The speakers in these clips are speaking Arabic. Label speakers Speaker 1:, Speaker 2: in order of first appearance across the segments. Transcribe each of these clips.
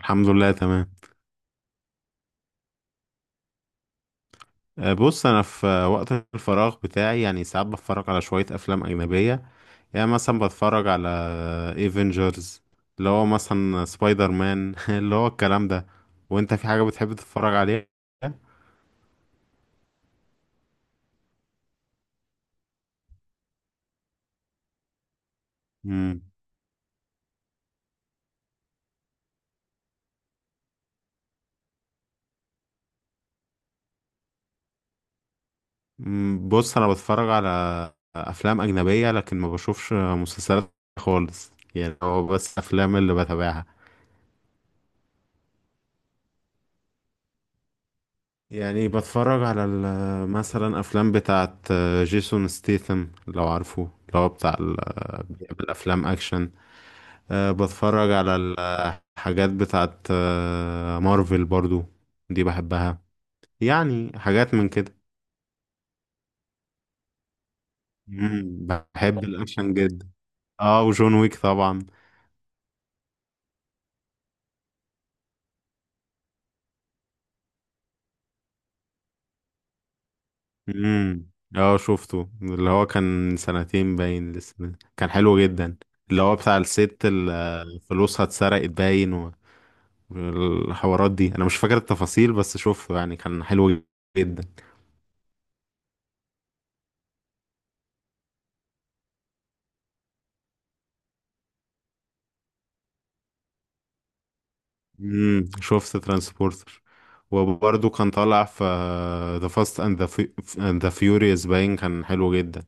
Speaker 1: الحمد لله تمام. بص انا في وقت الفراغ بتاعي، يعني ساعات بتفرج على شوية افلام اجنبية. يعني مثلا بتفرج على ايفنجرز اللي هو مثلا سبايدر مان اللي هو الكلام ده. وانت في حاجة بتحب تتفرج عليها؟ مم. بص انا بتفرج على افلام اجنبية، لكن ما بشوفش مسلسلات خالص، يعني هو بس افلام اللي بتابعها. يعني بتفرج على مثلا افلام بتاعت جيسون ستيثم لو عارفه، اللي هو بتاع بيعمل افلام اكشن. بتفرج على الحاجات بتاعت مارفل برضو، دي بحبها، يعني حاجات من كده. بحب الاكشن جدا. اه، وجون ويك طبعا. امم، اه شفته، اللي هو كان سنتين باين لسه، كان حلو جدا. اللي هو بتاع الست اللي فلوسها اتسرقت باين. الحوارات دي انا مش فاكر التفاصيل، بس شفته يعني كان حلو جدا. شفت ترانسبورتر، وبرضه كان طالع في ذا فاست اند ذا فيوريوس باين، كان حلو جدا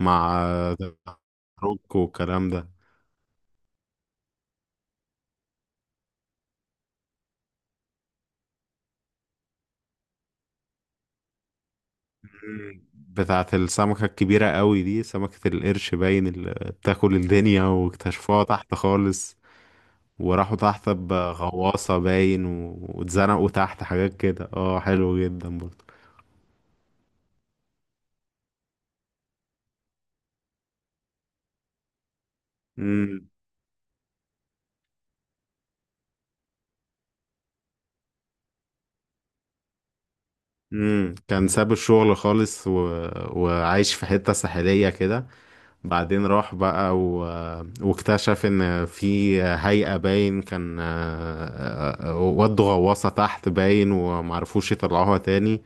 Speaker 1: مع ذا روك والكلام ده. مم. بتاعة السمكة الكبيرة قوي دي، سمكة القرش باين اللي بتاكل الدنيا واكتشفوها تحت خالص، وراحوا تحت بغواصة باين واتزنقوا تحت حاجات كده، اه حلو جدا برضه. مم. كان ساب الشغل خالص، و... وعايش في حتة ساحلية كده. بعدين راح بقى، و... واكتشف ان في هيئة باين كان ودوا غواصة تحت باين ومعرفوش يطلعوها تاني.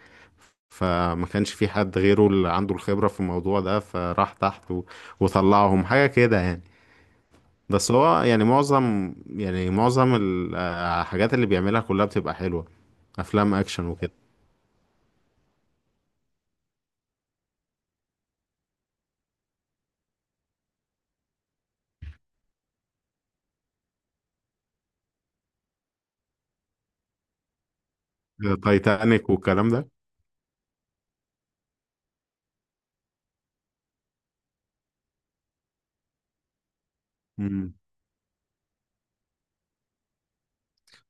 Speaker 1: فما كانش في حد غيره اللي عنده الخبرة في الموضوع ده، فراح تحت و... وطلعهم حاجة كده يعني. بس هو يعني معظم الحاجات اللي بيعملها كلها بتبقى حلوة، أفلام أكشن وكده. تايتانيك والكلام ده. مم.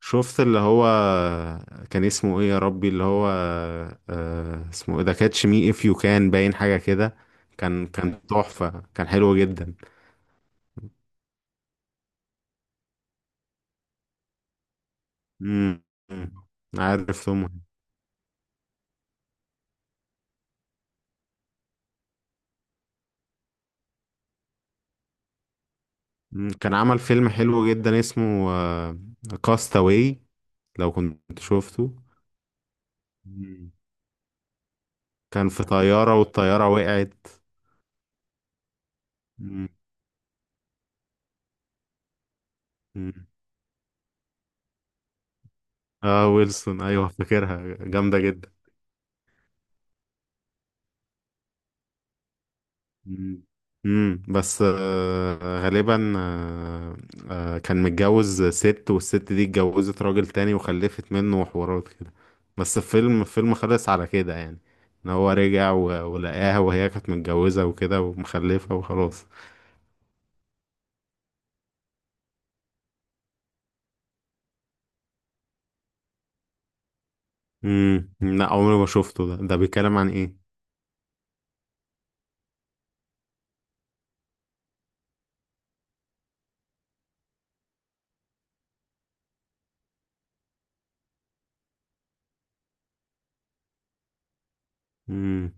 Speaker 1: شفت اللي هو كان اسمه ايه يا ربي، اللي هو آه اسمه ايه ده، كاتش مي اف يو كان باين، حاجة كده. كان تحفة، كان حلو جدا. مم. مم. عارف توم هانكس. مم. كان عمل فيلم حلو جدا اسمه كاستاوي، لو كنت شفته. مم. كان في طيارة والطيارة وقعت. مم. مم. اه ويلسون، ايوه فاكرها جامدة جدا. مم. مم. بس غالبا كان متجوز ست، والست دي اتجوزت راجل تاني وخلفت منه وحوارات كده. بس الفيلم الفيلم خلص على كده يعني، ان هو رجع ولقاها وهي كانت متجوزة وكده ومخلفة وخلاص. مم. لا، عمري ما شفته، ده بيتكلم عن ايه؟ مم.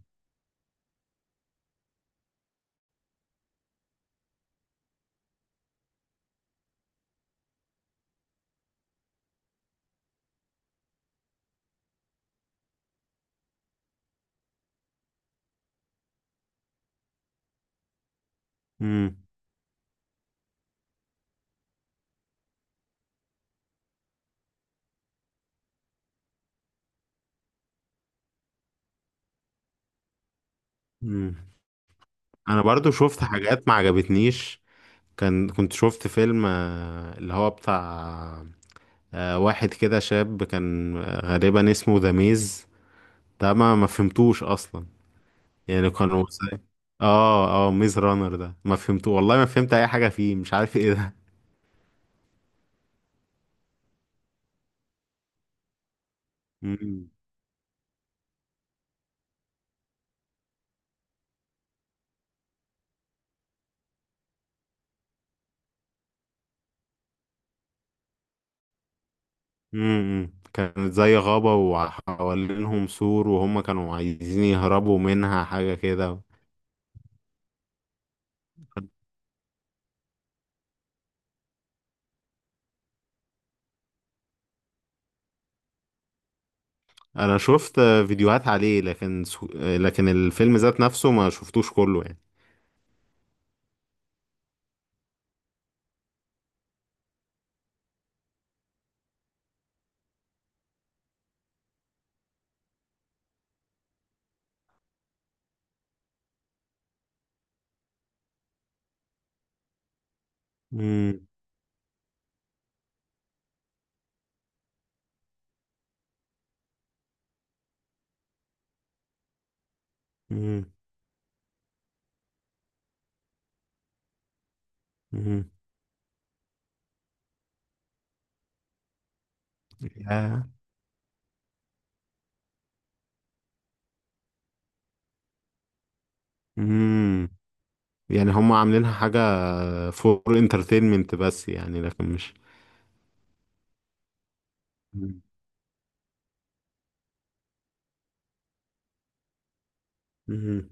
Speaker 1: مم. مم. انا برضو شفت حاجات ما عجبتنيش. كنت شفت فيلم اللي هو بتاع واحد كده شاب، كان غالبا اسمه ذا ميز، ده ما فهمتوش اصلا. يعني كانوا اه اه ميز رانر ده ما فهمته والله، ما فهمت اي حاجه فيه، مش عارف ايه ده. مم. مم. كانت زي غابه وحوالينهم سور، وهم كانوا عايزين يهربوا منها، حاجه كده. انا شفت فيديوهات عليه، لكن سو... آه، لكن الفيلم ذات نفسه ما شفتوش كله يعني. مم. مم. مم. يا. مم. يعني هم عاملينها حاجة فور انترتينمنت بس يعني، لكن مش. مم. مهم.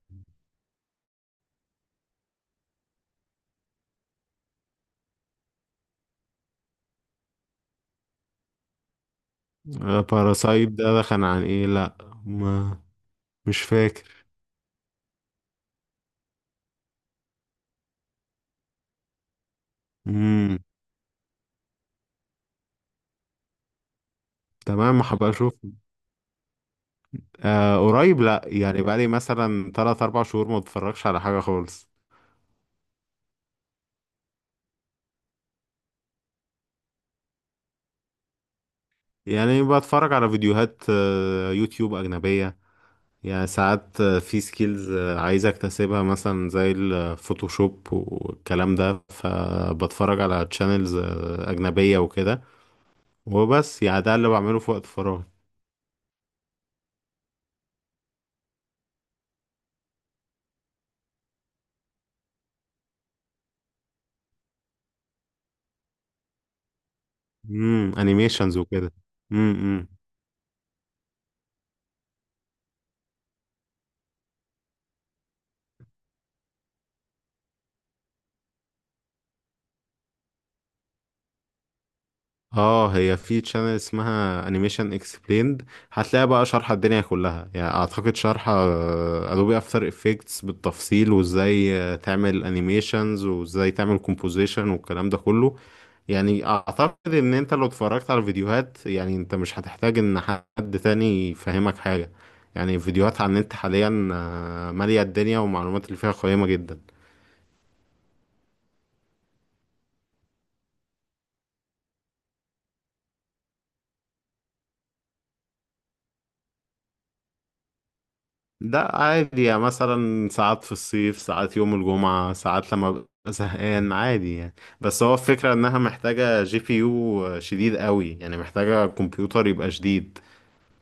Speaker 1: باراسايت ده كان عن ايه؟ لا، ما مش فاكر. امم. تمام، هبقى اشوف. قريب لا، يعني بقالي مثلا 3 4 شهور ما بتفرجش على حاجة خالص. يعني بتفرج على فيديوهات يوتيوب أجنبية. يعني ساعات في سكيلز عايز اكتسبها، مثلا زي الفوتوشوب والكلام ده، فبتفرج على تشانلز أجنبية وكده. وبس يعني ده اللي بعمله في وقت فراغي. امم، انيميشنز وكده. امم. امم. اه، هي في تشانل اسمها انيميشن اكسبليند، هتلاقي بقى شرح الدنيا كلها. يعني اعتقد شرح ادوبي افتر افكتس بالتفصيل، وازاي تعمل انيميشنز وازاي تعمل كومبوزيشن والكلام ده كله. يعني اعتقد ان انت لو اتفرجت على فيديوهات، يعني انت مش هتحتاج ان حد تاني يفهمك حاجة. يعني فيديوهات عن النت حاليا مالية الدنيا والمعلومات اللي فيها قيمة جدا. ده عادي يعني، مثلا ساعات في الصيف، ساعات يوم الجمعة، ساعات لما ببقى زهقان، عادي يعني. بس هو الفكرة انها محتاجة جي بي يو شديد قوي، يعني محتاجة كمبيوتر يبقى شديد،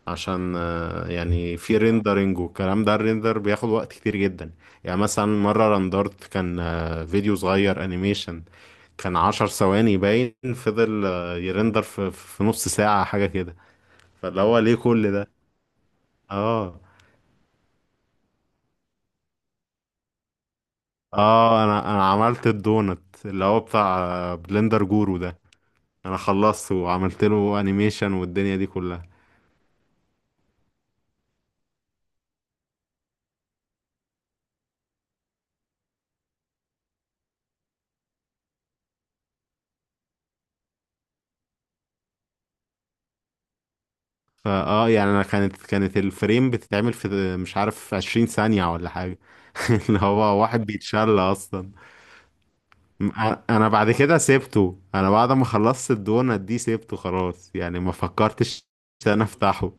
Speaker 1: عشان يعني في ريندرنج والكلام ده، الريندر بياخد وقت كتير جدا. يعني مثلا مرة رندرت كان فيديو صغير انيميشن، كان 10 ثواني باين، فضل يرندر في نص ساعة حاجة كده. فاللي هو ليه كل ده؟ اه اه، انا عملت الدونت، اللي هو بتاع بلندر جورو ده. انا خلصته وعملت له انيميشن والدنيا دي كلها. فا اه يعني انا كانت كانت الفريم بتتعمل في مش عارف 20 ثانية ولا حاجة. اللي هو واحد بيتشل اصلا. م- انا بعد كده سيبته، انا بعد ما خلصت الدونت دي سيبته خلاص يعني، ما فكرتش إن انا افتحه.